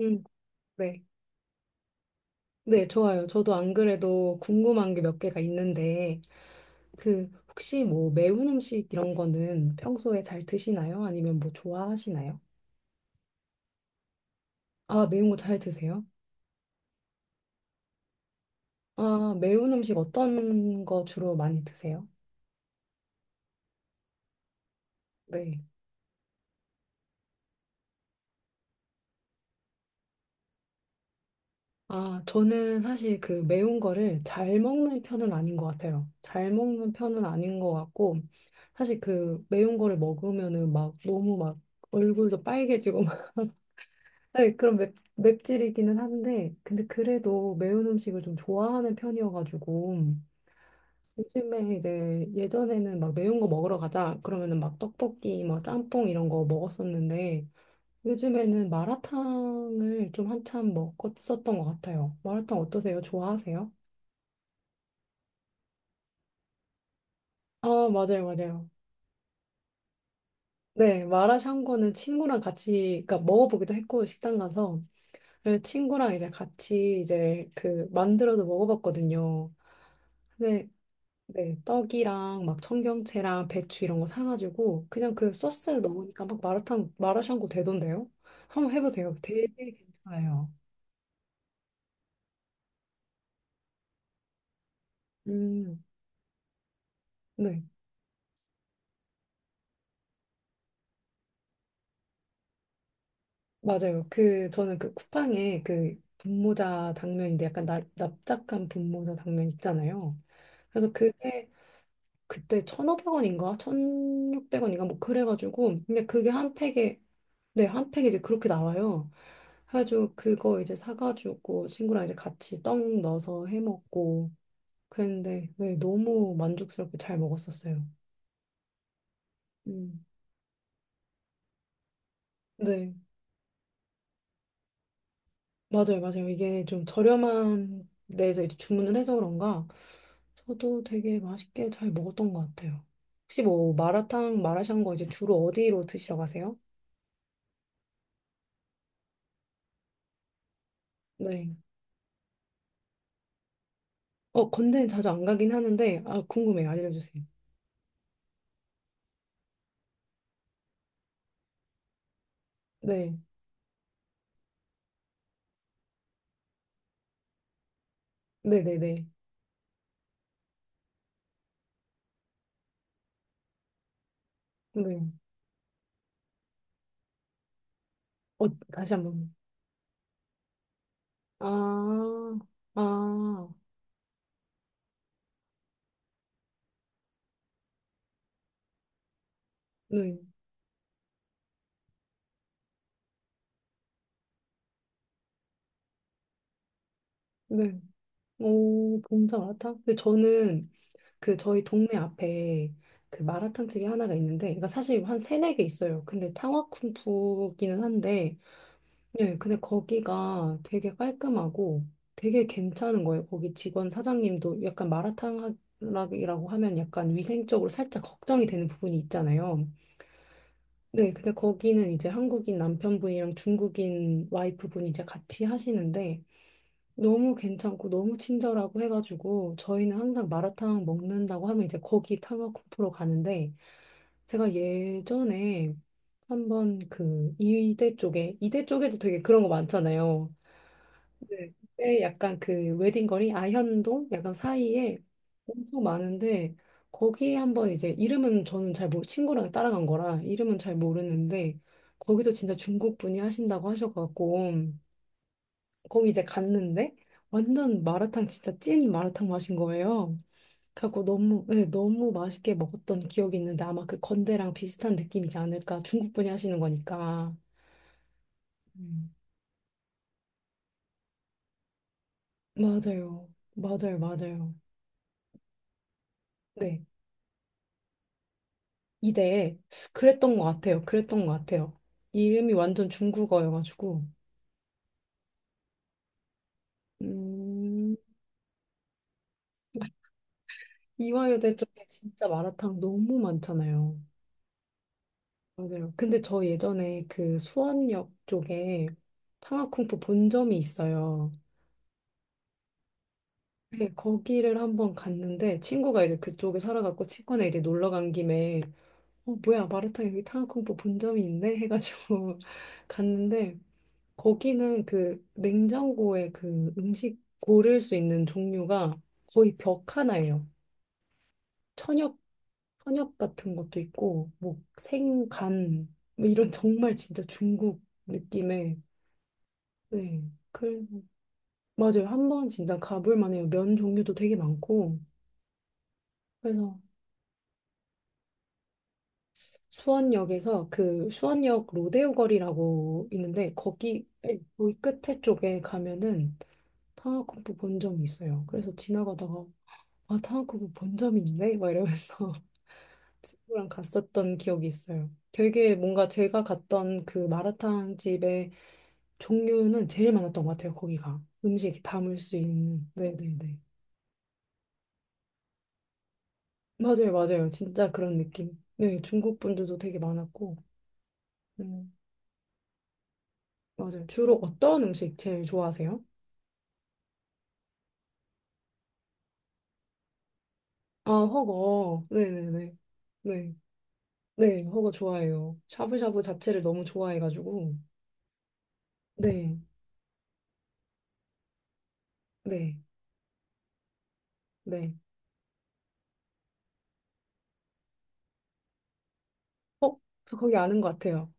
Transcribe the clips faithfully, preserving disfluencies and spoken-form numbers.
음, 네. 네, 좋아요. 저도 안 그래도 궁금한 게 몇 개가 있는데, 그, 혹시 뭐 매운 음식 이런 거는 평소에 잘 드시나요? 아니면 뭐 좋아하시나요? 아, 매운 거 잘 드세요? 아, 매운 음식 어떤 거 주로 많이 드세요? 네. 아, 저는 사실 그 매운 거를 잘 먹는 편은 아닌 것 같아요. 잘 먹는 편은 아닌 것 같고, 사실 그 매운 거를 먹으면은 막 너무 막 얼굴도 빨개지고 네, 그런 맵, 맵찔이기는 한데, 근데 그래도 매운 음식을 좀 좋아하는 편이어가지고, 요즘에 이제 예전에는 막 매운 거 먹으러 가자, 그러면은 막 떡볶이, 막 짬뽕 이런 거 먹었었는데, 요즘에는 마라탕을 좀 한참 먹었었던 것 같아요. 마라탕 어떠세요? 좋아하세요? 아, 맞아요, 맞아요. 네, 마라샹궈는 친구랑 같이, 그러니까 먹어보기도 했고, 식당 가서. 그래서 친구랑 이제 같이 이제 그 만들어서 먹어봤거든요. 근데 네, 떡이랑 막 청경채랑 배추 이런 거 사가지고 그냥 그 소스를 넣으니까 막 마라탕 마라샹궈 되던데요? 한번 해보세요. 되게 괜찮아요. 음, 네, 맞아요. 그 저는 그 쿠팡에 그 분모자 당면인데 약간 나, 납작한 분모자 당면 있잖아요. 그래서 그게 그때 천오백 원인가 천육백 원인가 뭐 그래가지고 근데 그게 한 팩에 네, 한 팩 이제 그렇게 나와요. 그래가지고 그거 이제 사가지고 친구랑 이제 같이 떡 넣어서 해 먹고 그랬는데 네, 너무 만족스럽게 잘 먹었었어요. 음. 네, 맞아요, 맞아요. 이게 좀 저렴한 데에서 이제 주문을 해서 그런가 저도 되게 맛있게 잘 먹었던 것 같아요. 혹시 뭐 마라탕, 마라샹궈 이제 주로 어디로 드시러 가세요? 네. 어, 건대는 자주 안 가긴 하는데 아, 궁금해요. 알려주세요. 네, 네, 네, 네. 네. 어, 다시 한번. 아, 아, 네, 네. 오, 봉자 마라탕? 근데 저는 그 저희 동네 앞에 그 마라탕 집이 하나가 있는데, 그러니까 사실 한 세네 개 있어요. 근데 탕화쿵푸기는 한데, 네, 근데 거기가 되게 깔끔하고 되게 괜찮은 거예요. 거기 직원 사장님도 약간 마라탕이라고 하면 약간 위생적으로 살짝 걱정이 되는 부분이 있잖아요. 네, 근데 거기는 이제 한국인 남편분이랑 중국인 와이프분이 이제 같이 하시는데, 너무 괜찮고 너무 친절하고 해가지고 저희는 항상 마라탕 먹는다고 하면 이제 거기 탕화코프로 가는데 제가 예전에 한번 그 이대 쪽에 이대 쪽에도 되게 그런 거 많잖아요. 네. 그때 약간 그 웨딩거리 아현동 약간 사이에 엄청 많은데 거기에 한번 이제 이름은 저는 잘 모르 친구랑 따라간 거라 이름은 잘 모르는데 거기도 진짜 중국 분이 하신다고 하셔지고 거기 이제 갔는데 완전 마라탕 진짜 찐 마라탕 맛인 거예요. 그래갖고 너무 네, 너무 맛있게 먹었던 기억이 있는데 아마 그 건대랑 비슷한 느낌이지 않을까 중국 분이 하시는 거니까 음. 맞아요 맞아요 맞아요 네 이대 그랬던 것 같아요 그랬던 것 같아요 이름이 완전 중국어여가지고 음 이화여대 쪽에 진짜 마라탕 너무 많잖아요. 맞아요. 근데 저 예전에 그 수원역 쪽에 상하쿵푸 본점이 있어요. 네, 거기를 한번 갔는데 친구가 이제 그쪽에 살아갖고 친구네 이제 놀러 간 김에 어 뭐야 마라탕 여기 탕화쿵푸 본점이 있네 해가지고 갔는데 거기는 그 냉장고에 그 음식 고를 수 있는 종류가 거의 벽 하나예요. 천엽 천엽 같은 것도 있고 뭐 생간 뭐 이런 정말 진짜 중국 느낌의 네. 그래서 맞아요. 한번 진짜 가볼 만해요. 면 종류도 되게 많고. 그래서 수원역에서 그 수원역 로데오 거리라고 있는데 거기 예, 거기 끝에 쪽에 가면은 탕화국부 본점이 있어요. 그래서 지나가다가 아 탕화국부 본점이 있네 막 이러면서 친구랑 갔었던 기억이 있어요. 되게 뭔가 제가 갔던 그 마라탕 집의 종류는 제일 많았던 것 같아요. 거기가 음식 담을 수 있는. 네네네. 맞아요, 맞아요. 진짜 그런 느낌. 네, 중국 분들도 되게 많았고. 음, 맞아요. 주로 어떤 음식 제일 좋아하세요? 아, 허거. 네네네. 네. 네, 허거 좋아해요. 샤브샤브 자체를 너무 좋아해가지고. 네, 네, 네. 어, 저 거기 아는 것 같아요.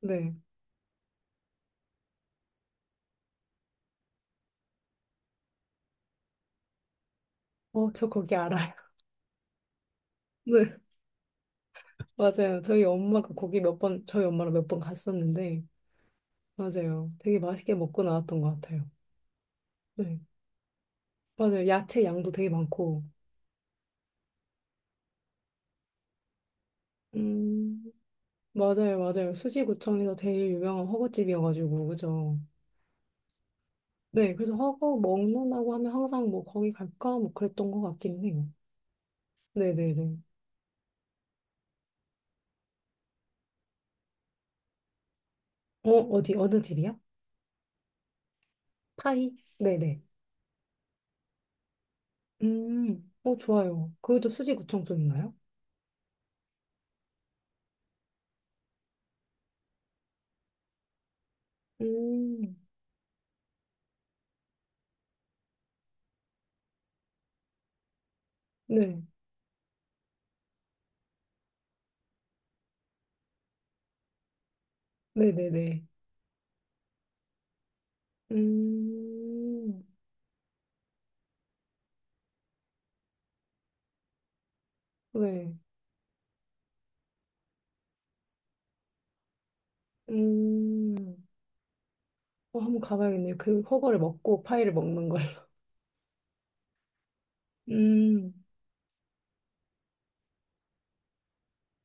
네. 어, 저 거기 알아요. 네, 맞아요. 저희 엄마가 거기 몇 번, 저희 엄마랑 몇 번 갔었는데, 맞아요. 되게 맛있게 먹고 나왔던 것 같아요. 네, 맞아요. 야채 양도 되게 많고. 음. 맞아요, 맞아요. 수지구청에서 제일 유명한 허거집이어가지고, 그죠? 네, 그래서 허거 먹는다고 하면 항상 뭐 거기 갈까? 뭐 그랬던 것 같긴 해요. 네네네. 어, 어디, 어느 집이야? 파이? 네네. 음, 어, 좋아요. 그것도 수지구청 쪽인가요? 음, 네. 네네네. 음, 네. 음, 어, 한번 가봐야겠네요. 그 허거를 먹고 파이를 먹는 걸. 음,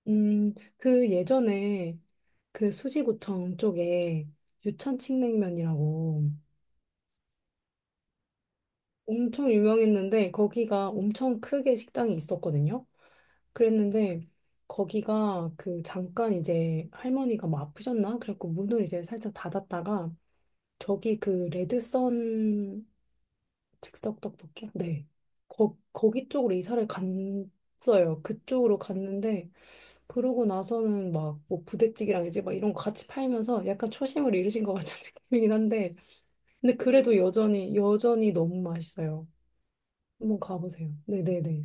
음, 그 예전에 그 수지구청 쪽에 유천칡냉면이라고 엄청 유명했는데 거기가 엄청 크게 식당이 있었거든요. 그랬는데 거기가 그 잠깐 이제 할머니가 뭐 아프셨나? 그래갖고 문을 이제 살짝 닫았다가 저기 그 레드썬 즉석 떡볶이? 네. 거, 거기 쪽으로 이사를 갔어요. 그쪽으로 갔는데 그러고 나서는 막 뭐 부대찌개랑 이제 막 이런 거 같이 팔면서 약간 초심을 잃으신 것 같은 느낌이긴 한데 근데 그래도 여전히, 여전히 너무 맛있어요. 한번 가보세요. 네네네.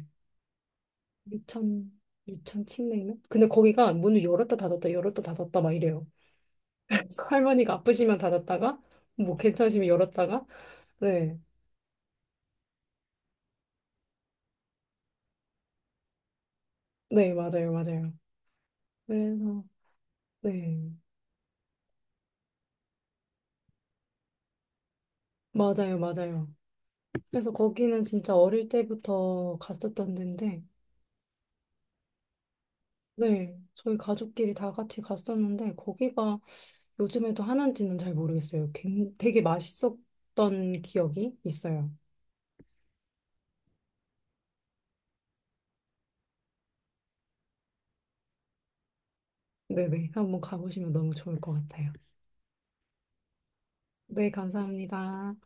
유천, 유천 칡냉면? 근데 거기가 문을 열었다 닫았다, 열었다 닫았다 막 이래요. 그래서 할머니가 아프시면 닫았다가, 뭐 괜찮으시면 열었다가, 네. 네, 맞아요, 맞아요. 그래서, 네. 맞아요, 맞아요. 그래서 거기는 진짜 어릴 때부터 갔었던 데인데, 네. 저희 가족끼리 다 같이 갔었는데, 거기가 요즘에도 하는지는 잘 모르겠어요. 굉- 되게 맛있었던 기억이 있어요. 네네. 한번 가보시면 너무 좋을 것 같아요. 네, 감사합니다.